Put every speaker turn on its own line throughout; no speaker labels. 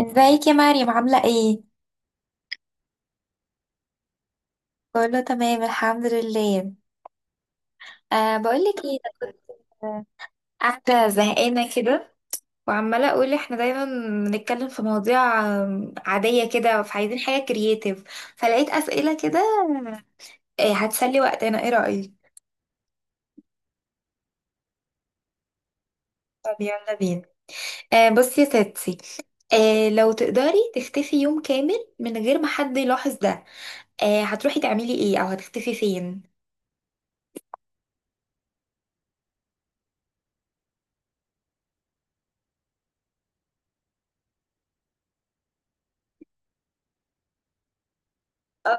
ازيك يا مريم عاملة ايه؟ كله تمام الحمد لله. بقولك ايه. انا كنت قاعدة زهقانة كده، وعمالة اقول احنا دايما بنتكلم في مواضيع عادية كده، فعايزين حاجة كرييتيف، فلقيت اسئلة كده هتسلي وقتنا، ايه رأيك؟ طب يلا بينا. بصي يا ستي، لو تقدري تختفي يوم كامل من غير ما حد يلاحظ ده، هتروحي تعملي ايه او هتختفي فين؟ آه،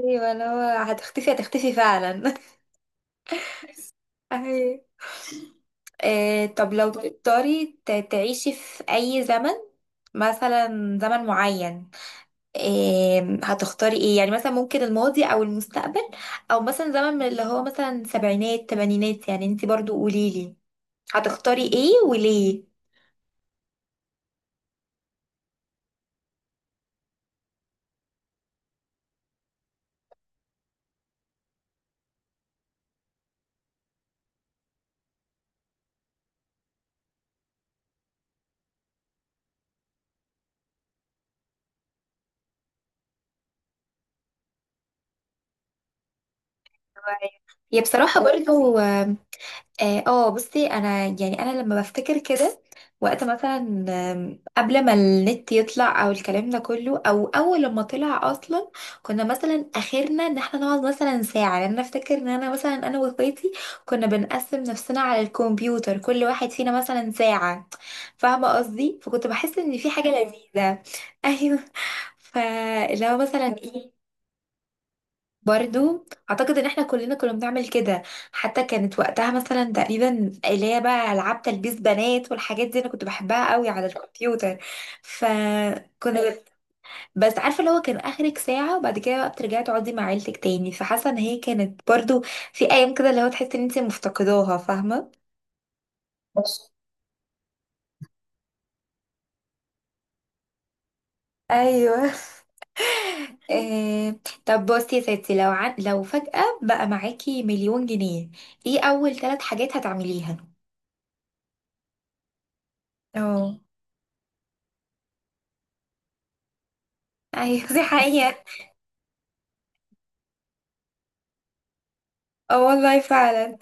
ايوه، لو هتختفي هتختفي فعلا أهي. طب لو تقدري تعيشي في أي زمن، مثلا زمن معين، هتختاري ايه؟ يعني مثلا ممكن الماضي أو المستقبل، أو مثلا زمن من اللي هو مثلا سبعينات تمانينات، يعني انتي برضو قوليلي هتختاري ايه وليه. هي بصراحة برضو اه. بصي انا، يعني انا لما بفتكر كده وقت مثلا قبل ما النت يطلع او الكلام ده كله، او اول لما طلع اصلا، كنا مثلا اخرنا ان احنا نقعد مثلا ساعه، لان انا افتكر ان انا مثلا واخواتي كنا بنقسم نفسنا على الكمبيوتر، كل واحد فينا مثلا ساعه، فاهمه قصدي. فكنت بحس ان في حاجه لذيذه ايوه، فلو مثلا ايه، برضو اعتقد ان احنا كلنا كنا بنعمل كده. حتى كانت وقتها مثلا تقريبا اللي هي بقى العاب تلبيس بنات والحاجات دي، انا كنت بحبها قوي على الكمبيوتر، فكنا أيوة. بس عارفه اللي هو كان اخرك ساعه، وبعد كده بقى بترجعي تقعدي مع عيلتك تاني، فحاسه ان هي كانت برضو في ايام كده اللي هو تحسي ان انت مفتقداها فاهمه. ايوه. آه، طب بصي يا ستي، لو فجأة بقى معاكي 1,000,000 جنيه، ايه اول 3 حاجات هتعمليها؟ اه. ايوه دي حقيقة. اه والله فعلا.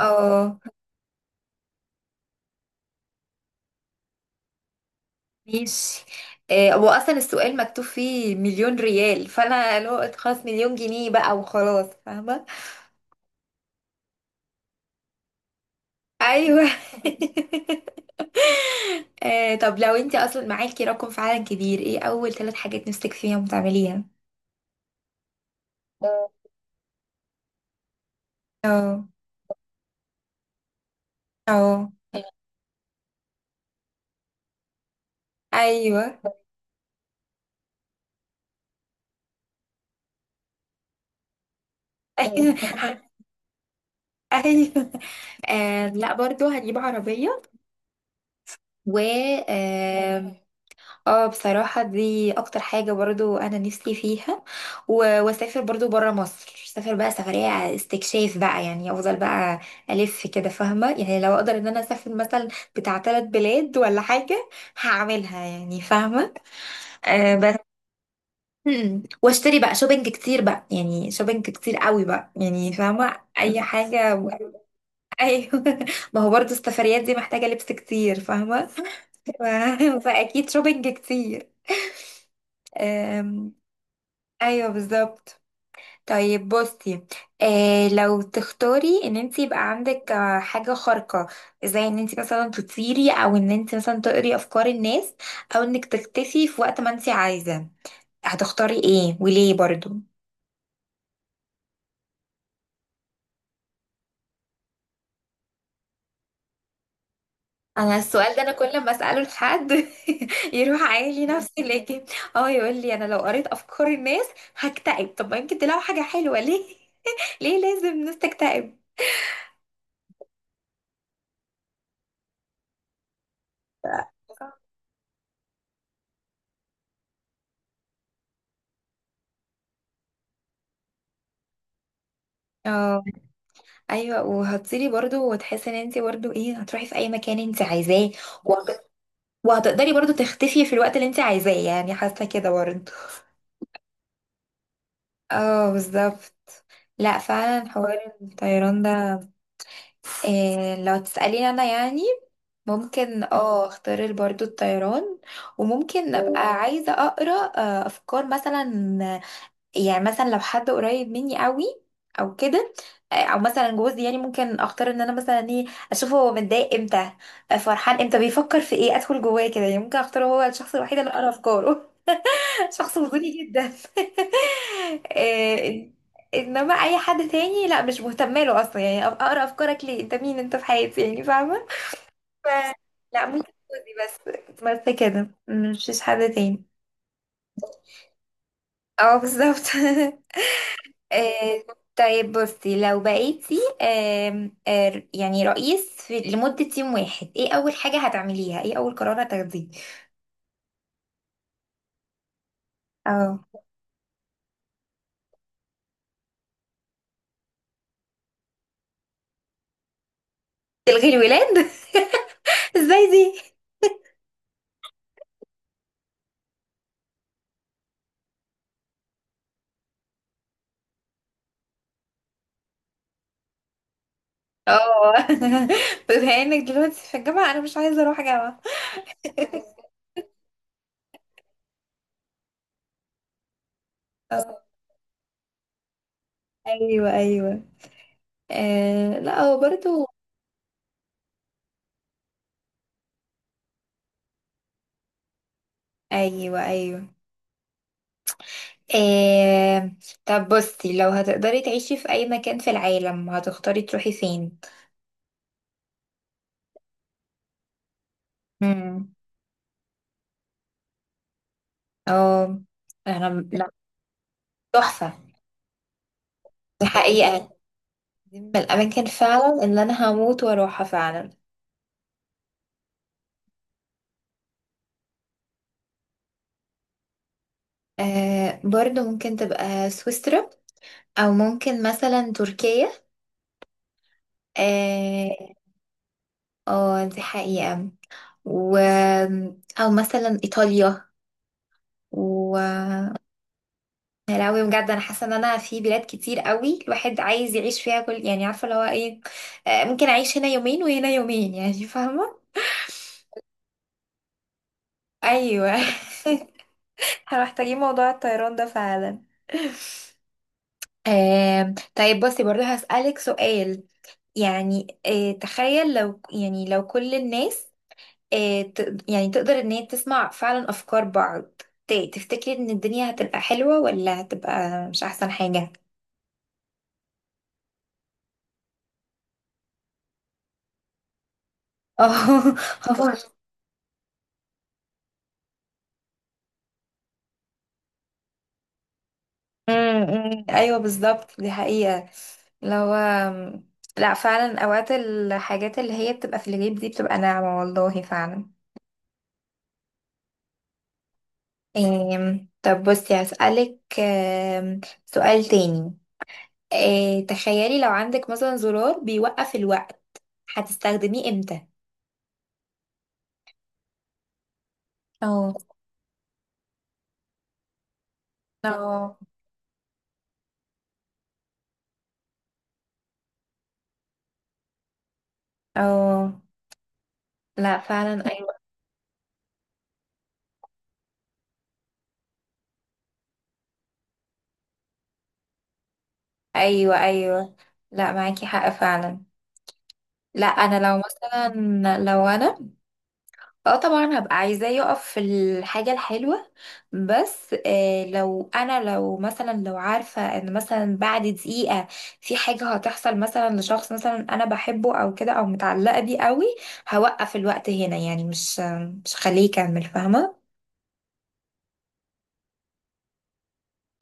اه ماشي. هو اصلا السؤال مكتوب فيه 1,000,000 ريال، فانا اللي هو خلاص 1,000,000 جنيه بقى وخلاص فاهمه. ايوه طب لو انت اصلا معاكي رقم فعلا كبير، ايه اول ثلاث حاجات نفسك فيهم تعمليها؟ آه، اه. اه. ايوه آه. ايوه. آه، لا برضو هجيب عربية، و آه، اه بصراحة دي اكتر حاجة برضو انا نفسي فيها، واسافر برضو برا مصر، اسافر بقى سفرية استكشاف بقى، يعني افضل بقى الف كده فاهمة. يعني لو اقدر ان انا اسافر مثلا بتاع 3 بلاد ولا حاجة هعملها يعني فاهمة. بس واشتري بقى شوبينج كتير بقى، يعني شوبينج كتير قوي بقى، يعني فاهمة اي حاجة ايوه ما هو برضو السفريات دي محتاجة لبس كتير فاهمة ف- فاكيد شوبينج كتير. ايوه بالظبط. طيب بصي، لو تختاري ان انت يبقى عندك حاجه خارقه، زي ان انت مثلا تطيري، او ان انت مثلا تقري افكار الناس، او انك تختفي في وقت ما انت عايزه، هتختاري ايه وليه برضو. انا السؤال ده انا كل ما اساله لحد يروح عايل لي نفسي، لكن اه يقول لي انا لو قريت افكار الناس هكتئب. طب ما يمكن تلاقوا حاجه حلوه ليه. ليه لازم الناس تكتئب؟ اه ايوه، وهتطيري برضو وتحسي ان انت برضو ايه هتروحي في اي مكان انت عايزاه، وهت- وهتقدري برضو تختفي في الوقت اللي انت عايزاه، يعني حاسه كده برضو. اه بالظبط. لا فعلا حوار الطيران ده، إيه لو تسأليني انا يعني ممكن اه اختار برضو الطيران، وممكن ابقى عايزة اقرا افكار مثلا، يعني مثلا لو حد قريب مني قوي او كده، او مثلا جوزي يعني ممكن اختار ان انا مثلا ايه اشوفه هو متضايق امتى، فرحان امتى، بيفكر في ايه، ادخل جواه كده يعني ممكن اختاره هو الشخص الوحيد اللي اقرا افكاره شخص وجودي جدا إيه، انما اي حد تاني لا مش مهتمه له اصلا، يعني اقرا افكارك ليه؟ انت مين؟ انت في حياتي يعني فاهمه. ف... لا ممكن جوزي بس كده، مش حد تاني. اه بالظبط آه، طيب بصي لو بقيتي آم، آه، يعني رئيس في لمدة 1 يوم، ايه أول حاجة هتعمليها؟ ايه أول قرار هتاخديه؟ اه تلغي الولاد؟ ازاي دي؟ اه بما انك دلوقتي في الجامعة أنا مش عايزة أروح جامعة. اه أيوه أيوه. آه لا هو برضو أيوه أيوه. آه طب بصي لو هتقدري تعيشي في أي مكان في العالم هتختاري تروحي فين؟ امم، اه. أنا لا، تحفة. دي حقيقة. دي من الأماكن فعلا اللي أنا هموت وأروحها فعلا. برضو ممكن تبقى سويسرا، أو ممكن مثلا تركيا. اه، دي حقيقة، و... أو مثلا إيطاليا، و يا لهوي بجد أنا حاسة إن أنا في بلاد كتير قوي الواحد عايز يعيش فيها كل، يعني عارفة اللي هو إيه، ممكن أعيش هنا يومين وهنا يومين، يعني فاهمة؟ أيوه احنا محتاجين موضوع الطيران ده فعلا طيب بصي برضه هسألك سؤال، يعني تخيل لو، يعني لو كل الناس يعني تقدر ان هي تسمع فعلا افكار بعض، تفتكري ان الدنيا هتبقى حلوة ولا هتبقى مش احسن حاجة؟ اه. أمم، أمم، ايوه بالظبط دي حقيقة. لو لا فعلا اوقات الحاجات اللي هي بتبقى في الغيب دي بتبقى ناعمة والله فعلا. طب بصي هسألك سؤال تاني، إيه تخيلي لو عندك مثلا زرار بيوقف الوقت هتستخدميه امتى؟ اه. اه. اه لا فعلا ايوه. ايوه ايوه. لا معاكي حق فعلا. لا انا لو مثلا، لو انا اه طبعا هبقى عايزاه يقف في الحاجة الحلوة. بس آه لو انا، لو مثلا لو عارفة ان مثلا بعد دقيقة في حاجة هتحصل مثلا لشخص مثلا انا بحبه او كده، او متعلقة بيه قوي، هوقف الوقت هنا يعني، مش خليه يكمل فاهمة.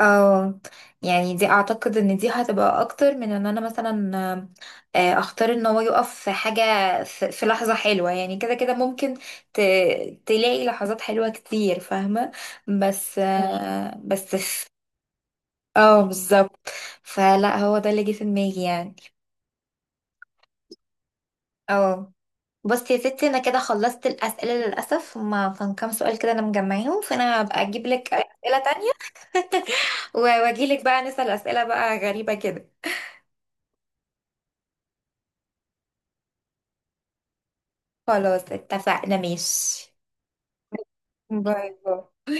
اه يعني دي اعتقد ان دي هتبقى اكتر من ان انا مثلا اختار ان هو يقف في حاجة في لحظة حلوة يعني، كده كده ممكن ت... تلاقي لحظات حلوة كتير فاهمة، بس اه بالظبط، فلا هو ده اللي جه في دماغي يعني. اه. بس يا ستي انا كده خلصت الاسئله للاسف، ما كان كام سؤال كده انا مجمعاهم، فانا هبقى اجيب لك اسئله تانية، واجي لك بقى نسال اسئله بقى غريبه كده. خلاص اتفقنا ماشي. باي باي.